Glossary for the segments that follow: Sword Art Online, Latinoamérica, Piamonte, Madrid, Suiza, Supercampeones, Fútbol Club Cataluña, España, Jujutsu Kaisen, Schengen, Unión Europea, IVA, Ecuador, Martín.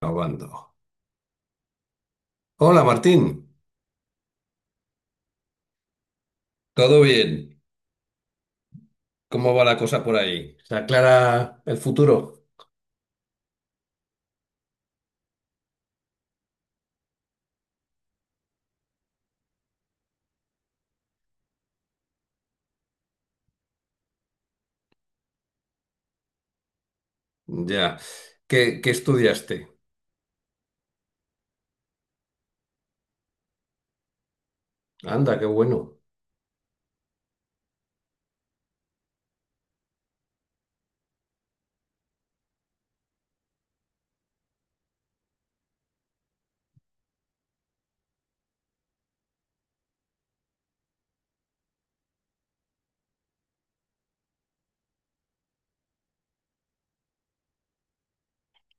Grabando. Hola Martín. Todo bien. ¿Cómo va la cosa por ahí? ¿Se aclara el futuro? Ya, ¿qué estudiaste? Anda, qué bueno.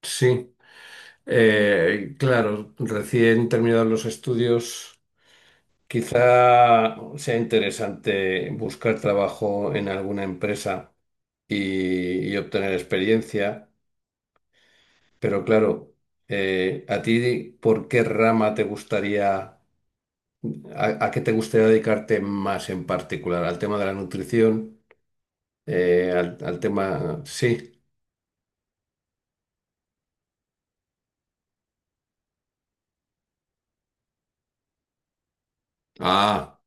Sí. Claro, recién terminados los estudios, quizá sea interesante buscar trabajo en alguna empresa y obtener experiencia. Pero claro, ¿a ti por qué rama te gustaría? ¿A qué te gustaría dedicarte más en particular? ¿Al tema de la nutrición? Al tema... Sí. Ah,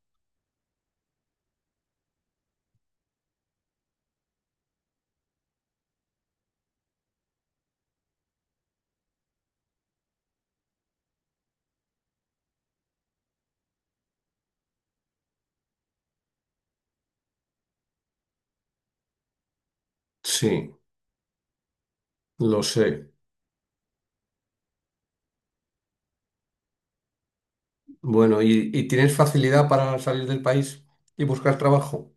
sí, lo sé. Bueno, ¿y tienes facilidad para salir del país y buscar trabajo?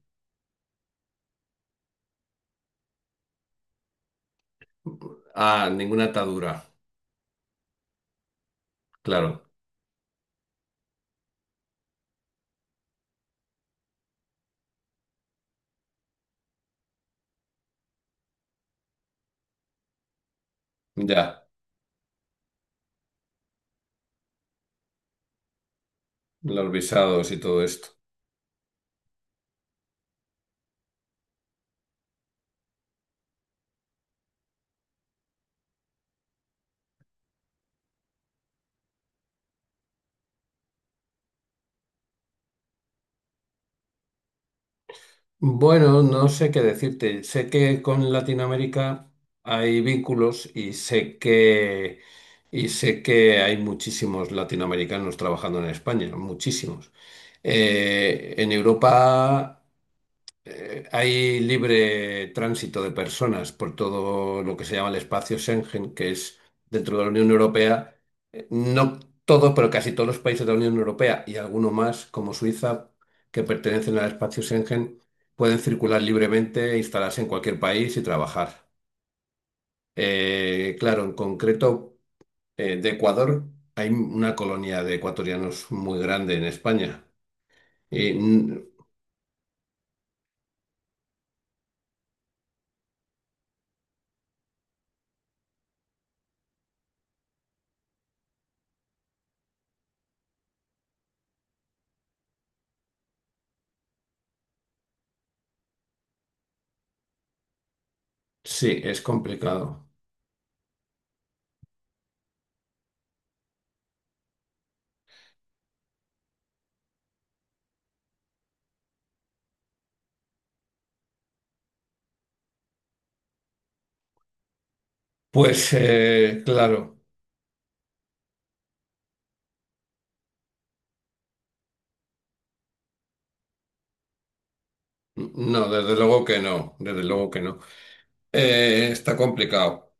Ah, ninguna atadura, claro. Ya, los visados y todo esto. Bueno, no sé qué decirte. Sé que con Latinoamérica hay vínculos y sé que hay muchísimos latinoamericanos trabajando en España, muchísimos. En Europa hay libre tránsito de personas por todo lo que se llama el espacio Schengen, que es dentro de la Unión Europea. No todos, pero casi todos los países de la Unión Europea y algunos más, como Suiza, que pertenecen al espacio Schengen, pueden circular libremente, instalarse en cualquier país y trabajar. Claro, en concreto, de Ecuador hay una colonia de ecuatorianos muy grande en España. Y sí, es complicado. Pues claro. No, desde luego que no, desde luego que no. Está complicado.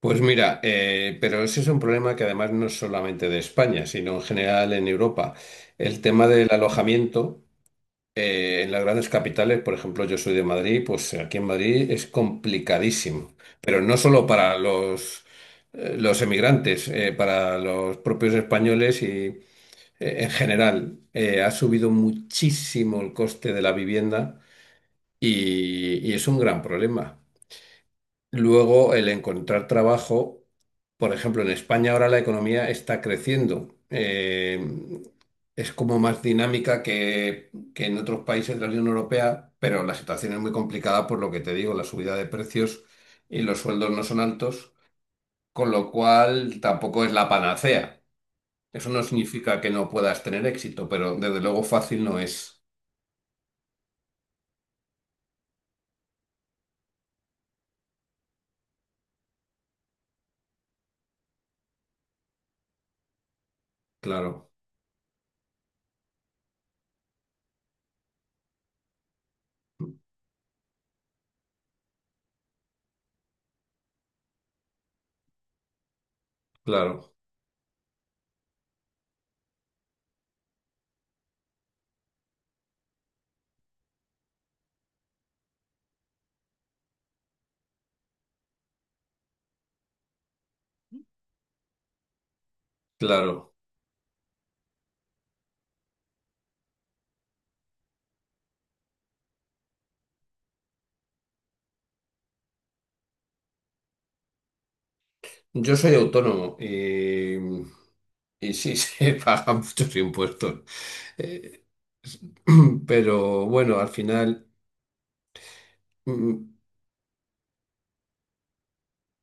Pues mira, pero ese es un problema que además no es solamente de España, sino en general en Europa. El tema del alojamiento en las grandes capitales, por ejemplo, yo soy de Madrid, pues aquí en Madrid es complicadísimo, pero no solo para los emigrantes, para los propios españoles y en general. Ha subido muchísimo el coste de la vivienda y es un gran problema. Luego, el encontrar trabajo, por ejemplo, en España ahora la economía está creciendo. Es como más dinámica que en otros países de la Unión Europea, pero la situación es muy complicada por lo que te digo, la subida de precios y los sueldos no son altos, con lo cual tampoco es la panacea. Eso no significa que no puedas tener éxito, pero desde luego fácil no es. Claro, claro, claro. Yo soy autónomo y sí se pagan muchos impuestos. Eh, pero bueno, al final, mm,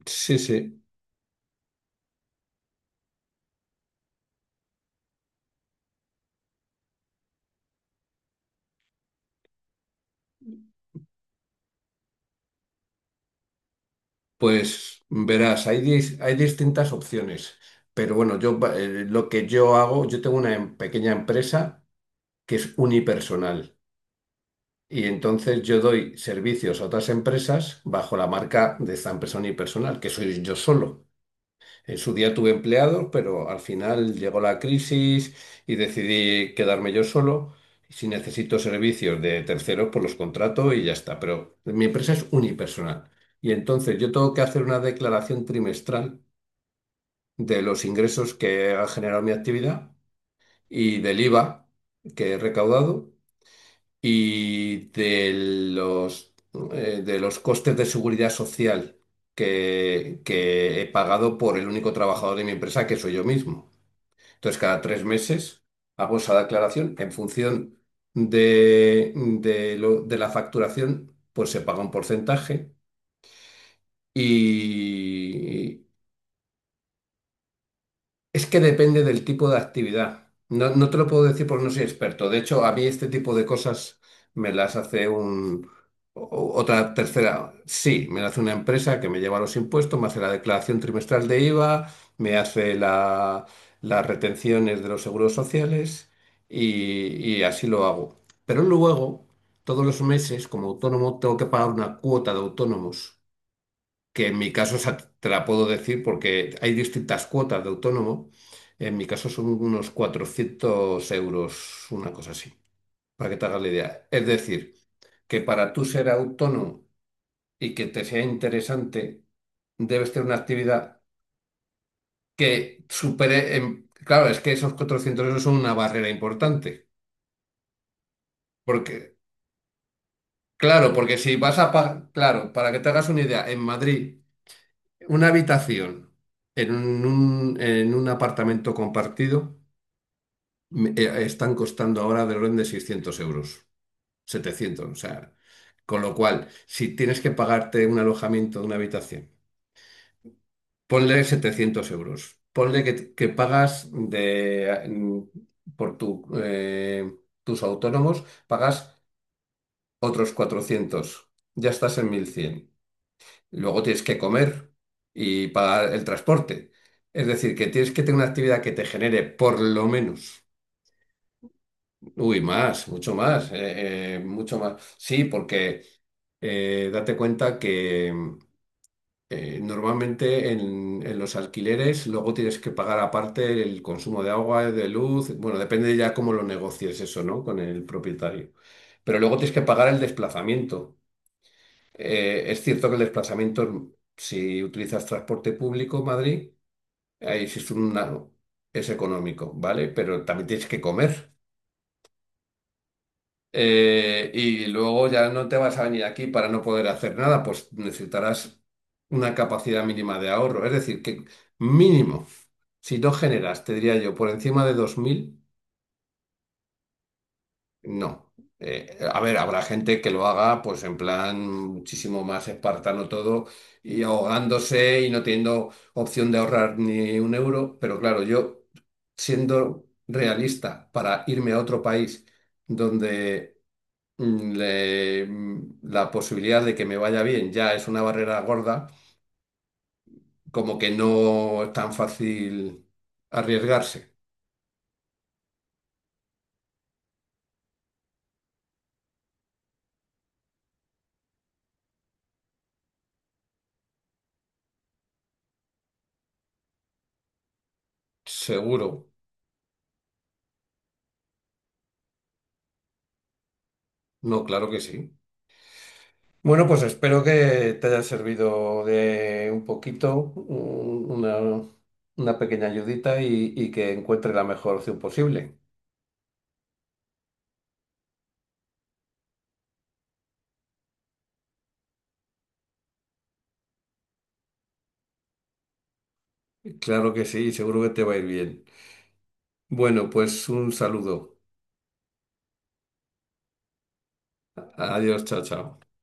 sí, sí, pues verás, hay distintas opciones. Pero bueno, lo que yo hago, yo tengo una pequeña empresa que es unipersonal. Y entonces yo doy servicios a otras empresas bajo la marca de esta empresa unipersonal, que soy yo solo. En su día tuve empleados, pero al final llegó la crisis y decidí quedarme yo solo. Si necesito servicios de terceros, pues los contrato y ya está. Pero mi empresa es unipersonal. Y entonces yo tengo que hacer una declaración trimestral de los ingresos que ha generado mi actividad y del IVA que he recaudado y de los, de los costes de seguridad social que he pagado por el único trabajador de mi empresa, que soy yo mismo. Entonces, cada 3 meses hago esa declaración en función de la facturación, pues se paga un porcentaje y. Es que depende del tipo de actividad. No, no te lo puedo decir porque no soy experto. De hecho, a mí este tipo de cosas me las hace otra tercera. Sí, me la hace una empresa que me lleva los impuestos, me hace la declaración trimestral de IVA, me hace las retenciones de los seguros sociales y, y así lo hago. Pero luego, todos los meses, como autónomo, tengo que pagar una cuota de autónomos que en mi caso, o sea, te la puedo decir porque hay distintas cuotas de autónomo. En mi caso son unos 400 euros, una cosa así, para que te hagas la idea. Es decir, que para tú ser autónomo y que te sea interesante, debes tener una actividad que supere... Claro, es que esos 400 euros son una barrera importante. Porque, claro, porque si vas a pagar, claro, para que te hagas una idea, en Madrid, una habitación en un apartamento compartido están costando ahora del orden de 600 euros, 700, o sea, con lo cual, si tienes que pagarte un alojamiento de una habitación, ponle 700 euros, ponle que pagas de, por tus autónomos, pagas otros 400, ya estás en 1100. Luego tienes que comer y pagar el transporte. Es decir, que tienes que tener una actividad que te genere por lo menos. Uy, más, mucho más, mucho más. Sí, porque date cuenta que normalmente en los alquileres luego tienes que pagar aparte el consumo de agua, de luz, bueno, depende ya cómo lo negocies eso, ¿no? Con el propietario. Pero luego tienes que pagar el desplazamiento. Es cierto que el desplazamiento, si utilizas transporte público, Madrid, ahí sí es una- es económico, ¿vale? Pero también tienes que comer. Y luego ya no te vas a venir aquí para no poder hacer nada, pues necesitarás una capacidad mínima de ahorro. Es decir, que mínimo, si no generas, te diría yo, por encima de 2000, no. A ver, habrá gente que lo haga pues en plan muchísimo más espartano todo y ahogándose y no teniendo opción de ahorrar ni un euro, pero claro, yo siendo realista para irme a otro país donde la posibilidad de que me vaya bien ya es una barrera gorda, como que no es tan fácil arriesgarse. Seguro. No, claro que sí. Bueno, pues espero que te haya servido de un poquito, una pequeña ayudita y que encuentres la mejor opción posible. Claro que sí, seguro que te va a ir bien. Bueno, pues un saludo. Adiós, chao, chao.